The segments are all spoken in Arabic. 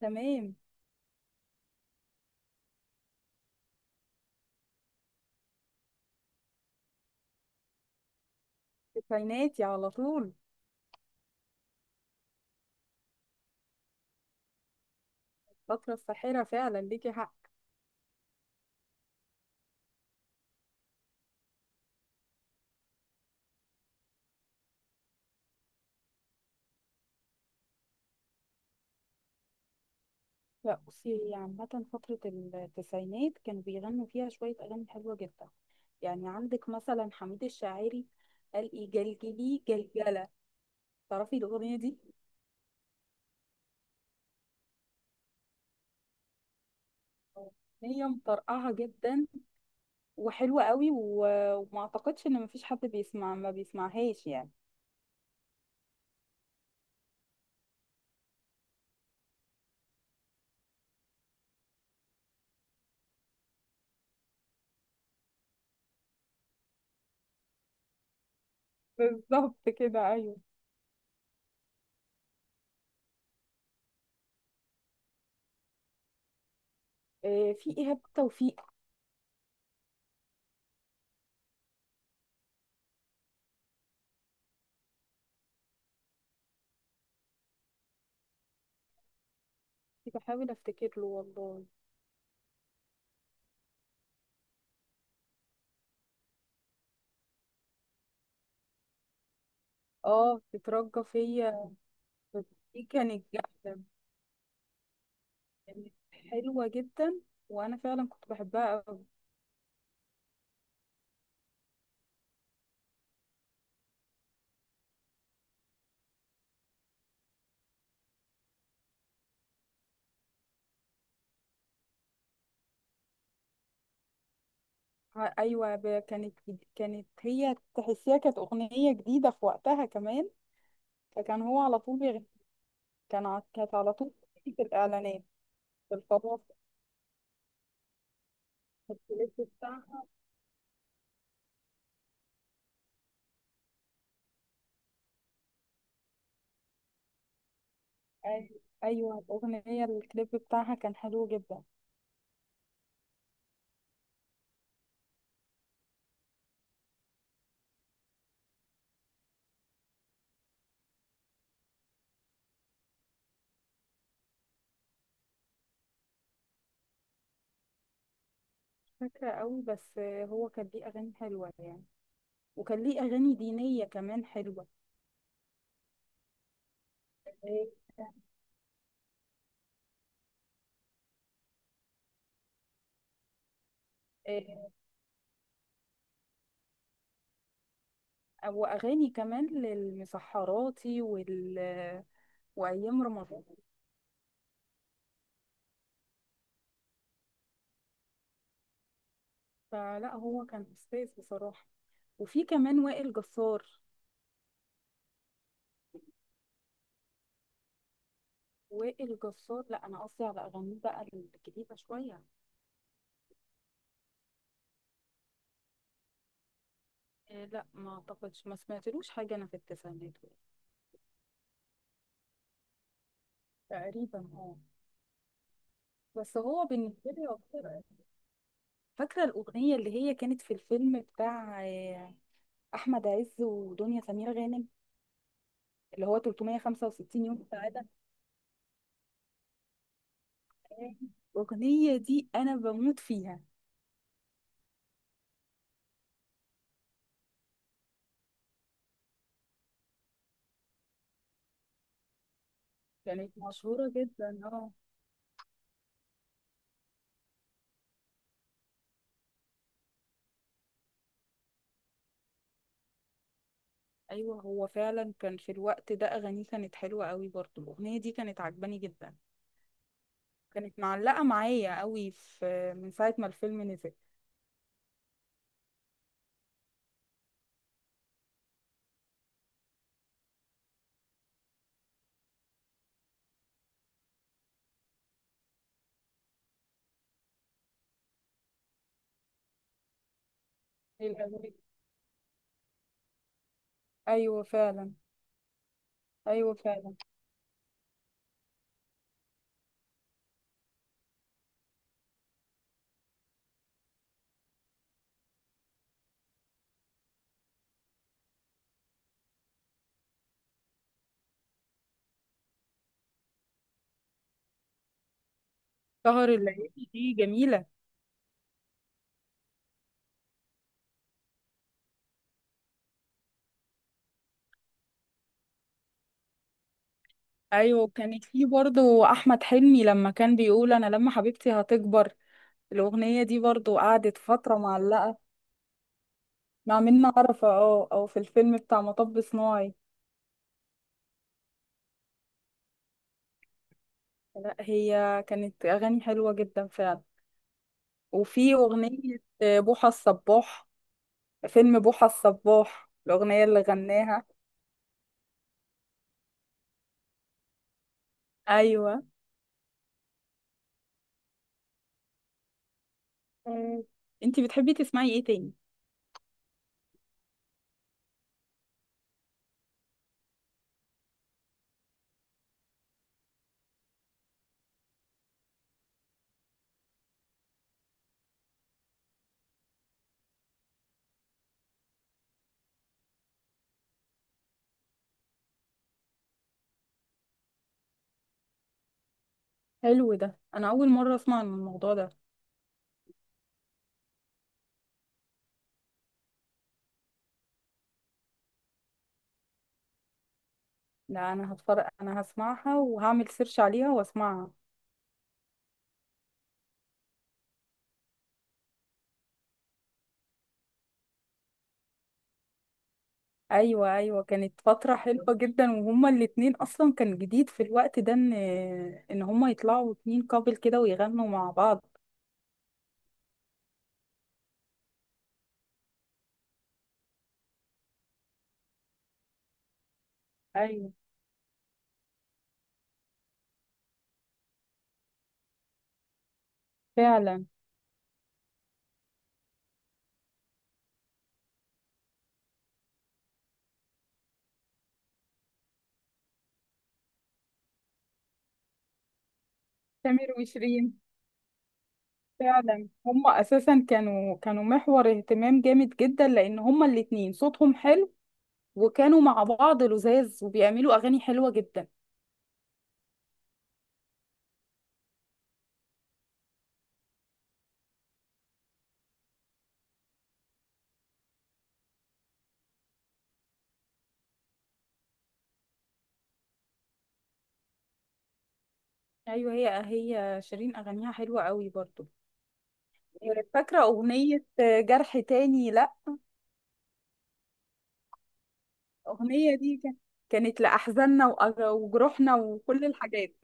تمام. ذكرياتي على طول. فترة ساحرة فعلا، ليكي حق. لا بصي، هي عامة فترة التسعينات كانوا بيغنوا فيها شوية أغاني حلوة جدا. يعني عندك مثلا حميد الشاعري، قال إيه جلجلي جلجلة، تعرفي الأغنية دي؟ هي مطرقعة جدا وحلوة قوي، وما أعتقدش إن مفيش حد بيسمع ما بيسمعهاش يعني. بالظبط كده، أيوه. في إيهاب توفيق. بحاول أفتكر له والله. اه، تترجى فيا، دي كانت جامدة، كانت حلوة جدا وأنا فعلا كنت بحبها أوي. أيوة، كانت هي تحسيها، كانت أغنية جديدة في وقتها كمان. فكان هو على طول كانت على طول في الإعلانات، في الفضاء، في الكليب بتاعها. أي- أيوة، الأغنية، الكليب بتاعها كان حلو جدا. فاكرة أوي بس هو كان ليه أغاني حلوة يعني، وكان ليه أغاني دينية كمان حلوة. إيه، إيه، واغاني كمان للمسحراتي وال وايام رمضان. فلا هو كان استاذ بصراحه. وفي كمان وائل جسار. وائل جسار، لا انا قصدي على اغانيه بقى الجديده شويه. إيه، لا ما اعتقدش ما سمعتلوش حاجه انا في التسعينات. تقريبا اه. بس هو بالنسبه لي فاكره الاغنيه اللي هي كانت في الفيلم بتاع احمد عز ودنيا سمير غانم، اللي هو 365 يوم سعاده. آه، الأغنية دي أنا بموت فيها. كانت مشهورة جدا، اه. ايوه، هو فعلا كان في الوقت ده اغانيه كانت حلوة قوي، برضو الاغنية دي كانت عجباني جدا. كانت معلقة معايا قوي في من ساعة ما الفيلم نزل. إيه الأغاني؟ ايوه فعلا. ايوه فعلا. سهر الليالي دي جميلة. ايوه، كانت في برضو احمد حلمي لما كان بيقول انا لما حبيبتي هتكبر. الاغنية دي برضو قعدت فترة معلقة. مع منة عرفة، اه، او في الفيلم بتاع مطب صناعي. لا هي كانت اغاني حلوة جدا فعلا. وفي أغنية بوحة الصباح، فيلم بوحة الصباح، الأغنية اللي غناها. أيوة. مم. انتي بتحبي تسمعي ايه تاني؟ حلو ده، انا اول مره اسمع عن الموضوع ده. لا انا هتفرج، انا هسمعها وهعمل سيرش عليها واسمعها. ايوه، ايوه كانت فتره حلوه جدا، وهما الاتنين اصلا كان جديد في الوقت ده ان هما يطلعوا اتنين كابل كده ويغنوا مع بعض. ايوه فعلا. سمير وشيرين. فعلا هما اساسا كانوا محور اهتمام جامد جدا، لان هما الاتنين صوتهم حلو، وكانوا مع بعض لذاذ وبيعملوا اغاني حلوه جدا. ايوه، هي شيرين اغانيها حلوه قوي برضو. فاكره اغنيه جرح تاني، لا الاغنيه دي كانت لاحزاننا وجروحنا وكل الحاجات.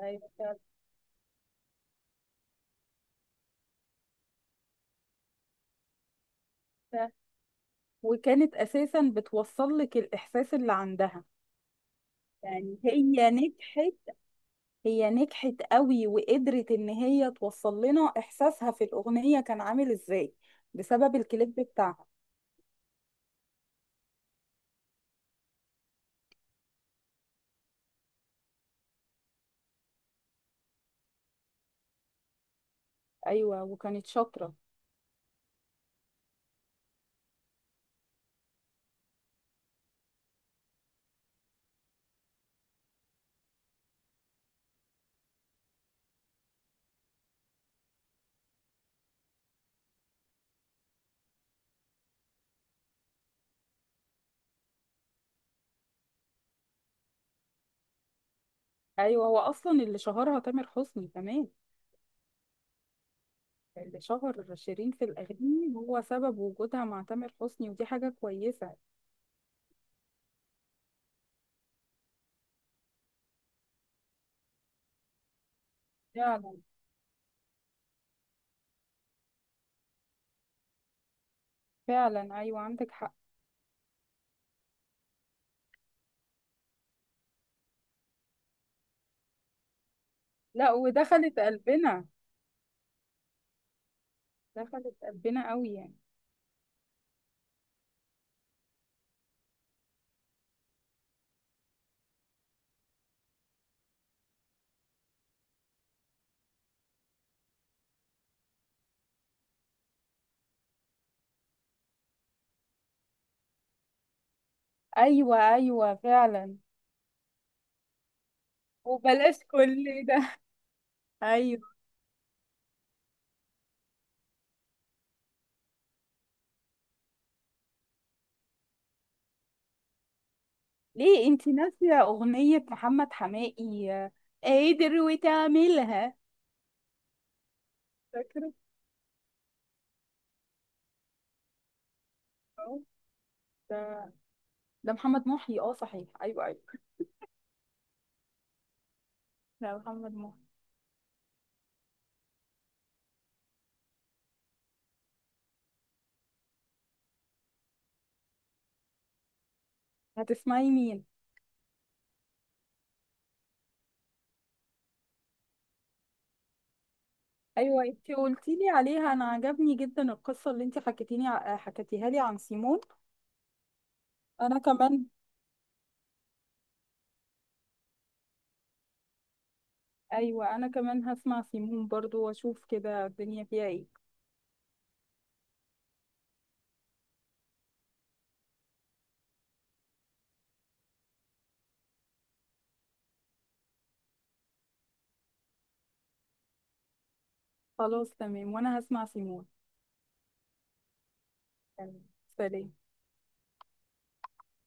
ايوه فعلا. وكانت اساسا بتوصل لك الاحساس اللي عندها. يعني هي نجحت، هي نجحت قوي، وقدرت ان هي توصل لنا احساسها في الاغنية كان عامل ازاي. بسبب الكليب بتاعها. ايوه، وكانت شاطرة. ايوه هو اصلا اللي شهرها تامر حسني كمان. اللي شهر شيرين في الاغاني هو سبب وجودها مع تامر حسني، ودي حاجة كويسة. فعلا، فعلا. ايوه عندك حق. لا ودخلت قلبنا. دخلت قلبنا قوي يعني. ايوه، ايوه فعلا. وبلاش كل ده. ايوه. ليه انتي ناسية أغنية محمد حماقي قادر وتعملها؟ فاكرة. اه، ده ده محمد محي. اه صحيح، ايوه، ايوه. لا محمد مهدي. هتسمعي مين؟ ايوه، انتي قلتي لي عليها، انا عجبني جدا القصة اللي انتي حكيتيها لي عن سيمون. انا كمان. ايوه، انا كمان هسمع سيمون برضو واشوف كده الدنيا فيها ايه. خلاص تمام، وانا هسمع سيمون. تمام. سلام.